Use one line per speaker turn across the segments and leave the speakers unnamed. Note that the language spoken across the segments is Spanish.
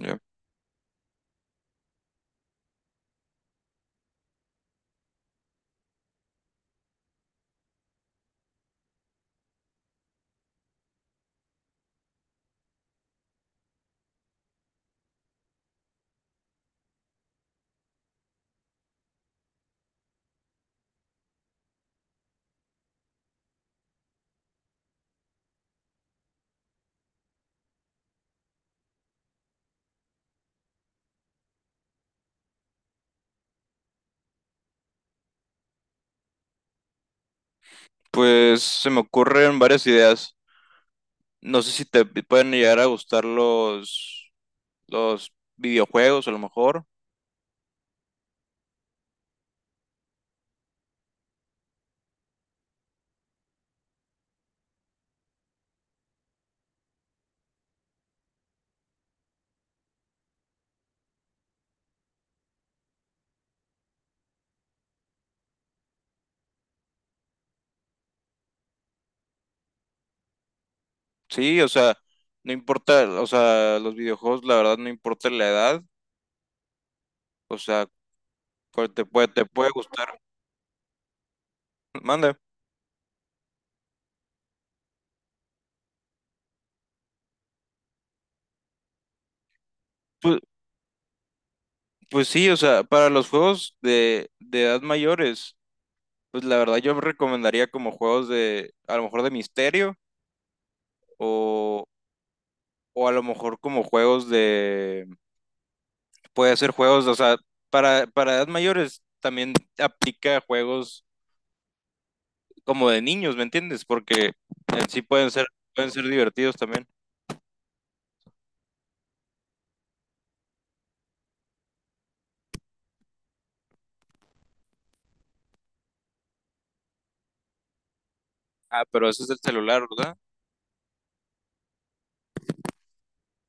Ya. Pues se me ocurren varias ideas. No sé si te pueden llegar a gustar los videojuegos, a lo mejor. Sí, o sea, no importa, o sea, los videojuegos, la verdad, no importa la edad. O sea, te puede gustar. Manda. Pues, pues sí, o sea, para los juegos de edad mayores, pues la verdad yo recomendaría como juegos de, a lo mejor de misterio o, o a lo mejor como juegos de puede hacer juegos, o sea, para edad mayores también aplica juegos como de niños, ¿me entiendes? Porque en sí pueden ser divertidos también. Ah, pero ese es el celular, ¿verdad?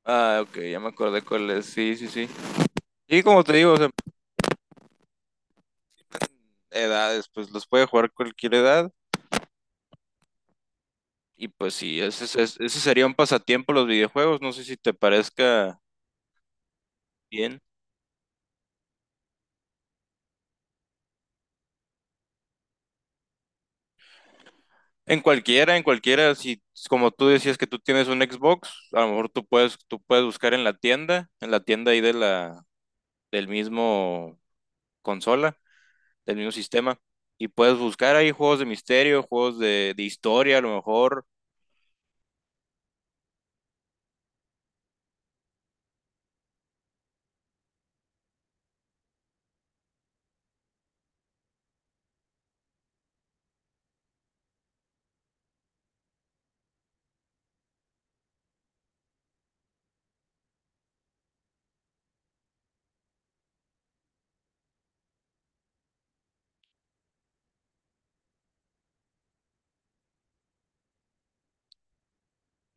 Ah, ok, ya me acordé cuál es. Sí, sí, sí. Y como te digo, o sea, edades, pues los puede jugar cualquier edad. Y pues sí, ese sería un pasatiempo los videojuegos. No sé si te parezca bien. En cualquiera, si como tú decías que tú tienes un Xbox, a lo mejor tú puedes buscar en la tienda ahí del mismo consola, del mismo sistema, y puedes buscar ahí juegos de misterio, juegos de historia, a lo mejor.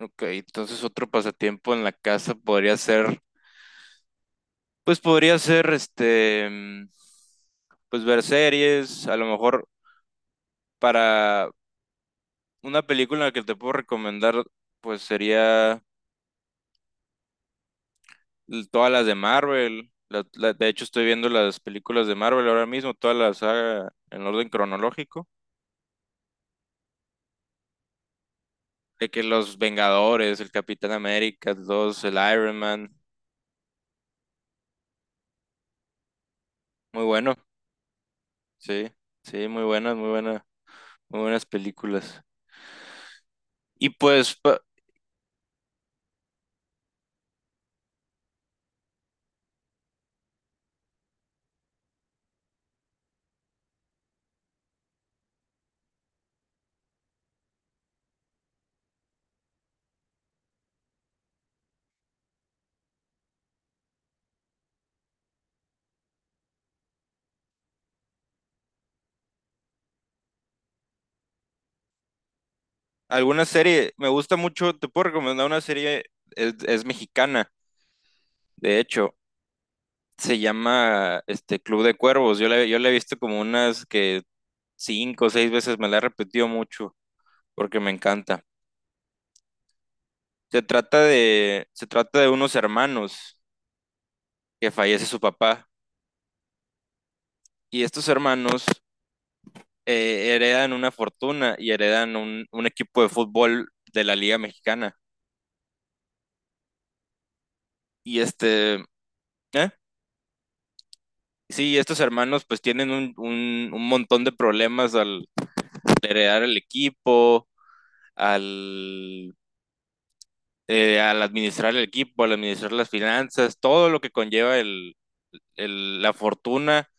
Ok, entonces otro pasatiempo en la casa podría ser, pues podría ser este, pues ver series, a lo mejor para una película que te puedo recomendar, pues sería todas las de Marvel. De hecho, estoy viendo las películas de Marvel ahora mismo, todas las saga en orden cronológico. De que los Vengadores, el Capitán América, dos, el Iron Man. Muy bueno, sí, sí, muy buenas, muy buenas, muy buenas películas. Y alguna serie, me gusta mucho, te puedo recomendar una serie, es mexicana, de hecho, se llama este Club de Cuervos. Yo la he visto como unas que cinco o seis veces, me la he repetido mucho, porque me encanta. Se trata de unos hermanos que fallece su papá y estos hermanos heredan una fortuna y heredan un equipo de fútbol de la Liga Mexicana. Y este, ¿eh? Sí, estos hermanos pues tienen un montón de problemas al heredar el equipo, al, al administrar el equipo, al administrar las finanzas, todo lo que conlleva la fortuna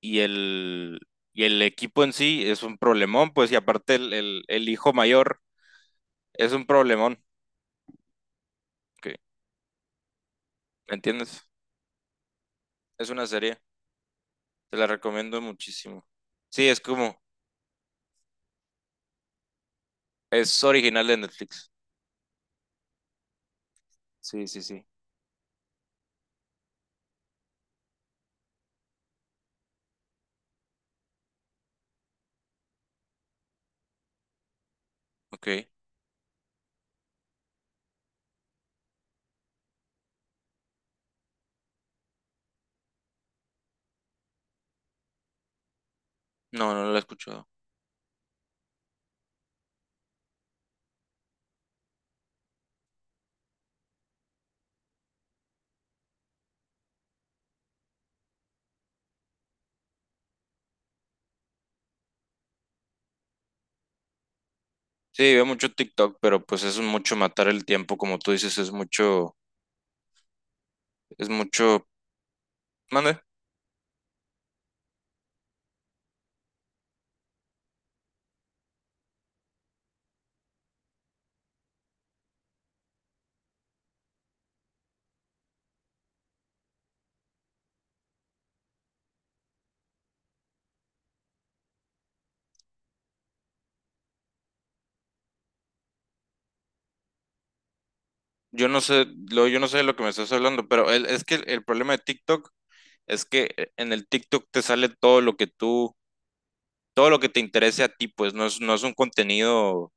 y el, y el equipo en sí es un problemón, pues, y aparte el hijo mayor es un problemón, que, ¿me entiendes? Es una serie, te la recomiendo muchísimo. Sí, es como, es original de Netflix. Sí, sí, sí. Ok, no, no la he escuchado. Sí, veo mucho TikTok, pero pues es mucho matar el tiempo, como tú dices, es mucho, mande. Yo no sé, lo, yo no sé de lo que me estás hablando, pero es que el problema de TikTok es que en el TikTok te sale todo lo que tú todo lo que te interese a ti, pues no es, no es un contenido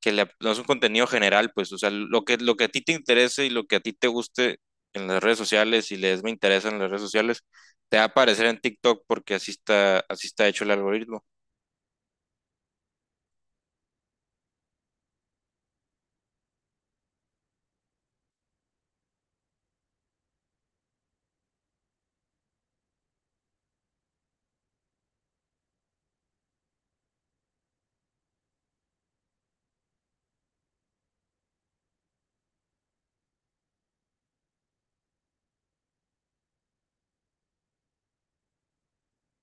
no es un contenido general, pues, o sea, lo que a ti te interese y lo que a ti te guste en las redes sociales y les me interesa en las redes sociales, te va a aparecer en TikTok porque así está hecho el algoritmo.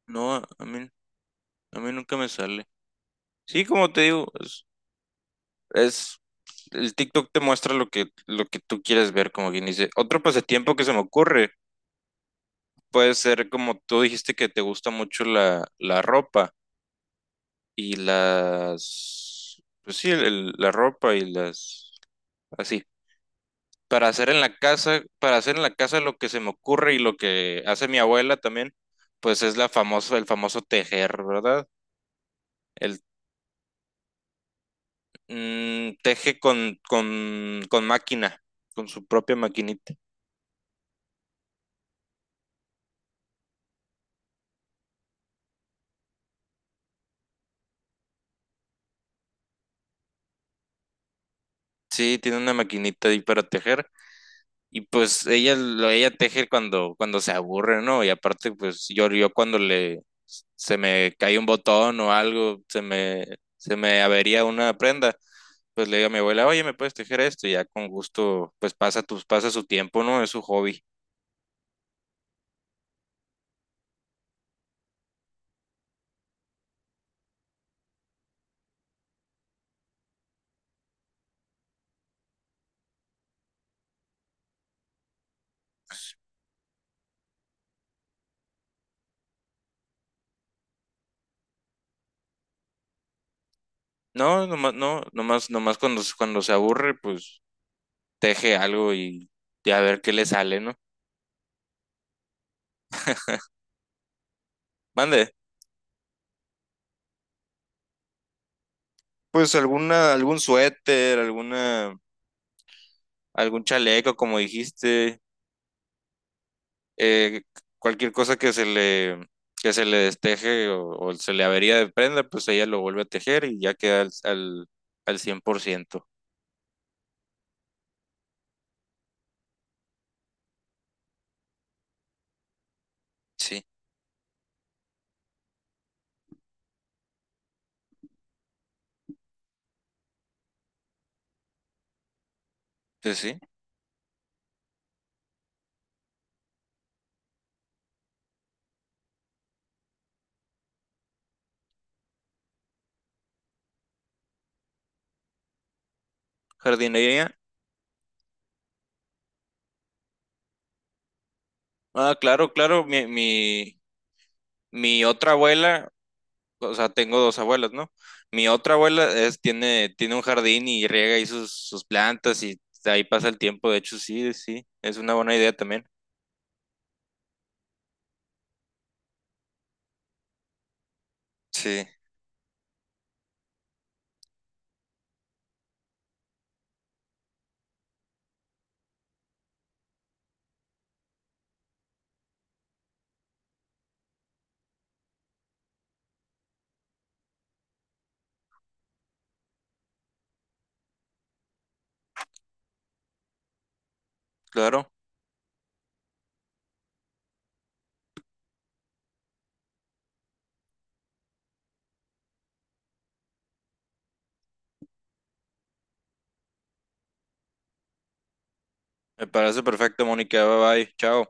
No, a mí nunca me sale. Sí, como te digo, es- el TikTok te muestra lo que tú quieres ver, como quien dice. Otro pasatiempo que se me ocurre puede ser como tú dijiste que te gusta mucho la ropa. Y las, pues sí, la ropa y las, así, para hacer en la casa, para hacer en la casa lo que se me ocurre y lo que hace mi abuela también, pues es la famoso el famoso tejer, ¿verdad? El teje con máquina, con su propia maquinita. Sí, tiene una maquinita ahí para tejer. Y pues ella teje cuando se aburre, ¿no? Y aparte, pues yo cuando le se me cae un botón o algo, se me avería una prenda, pues le digo a mi abuela, oye, ¿me puedes tejer esto? Y ya con gusto, pasa su tiempo, ¿no? Es su hobby. No, nomás, no, nomás, nomás cuando, cuando se aburre, pues teje algo y a ver qué le sale, ¿no? Mande. Pues alguna, algún suéter, alguna, algún chaleco, como dijiste, eh, cualquier cosa que se le desteje o se le avería de prenda, pues ella lo vuelve a tejer y ya queda al 100%. Sí, sí, sí. Jardinería. Ah, claro, claro, mi otra abuela, o sea, tengo dos abuelas, ¿no? Mi otra abuela es, tiene, tiene un jardín y riega ahí sus, sus plantas y ahí pasa el tiempo. De hecho, sí, sí, es una buena idea también. Sí, claro. Me parece perfecto, Mónica. Bye bye. Chao.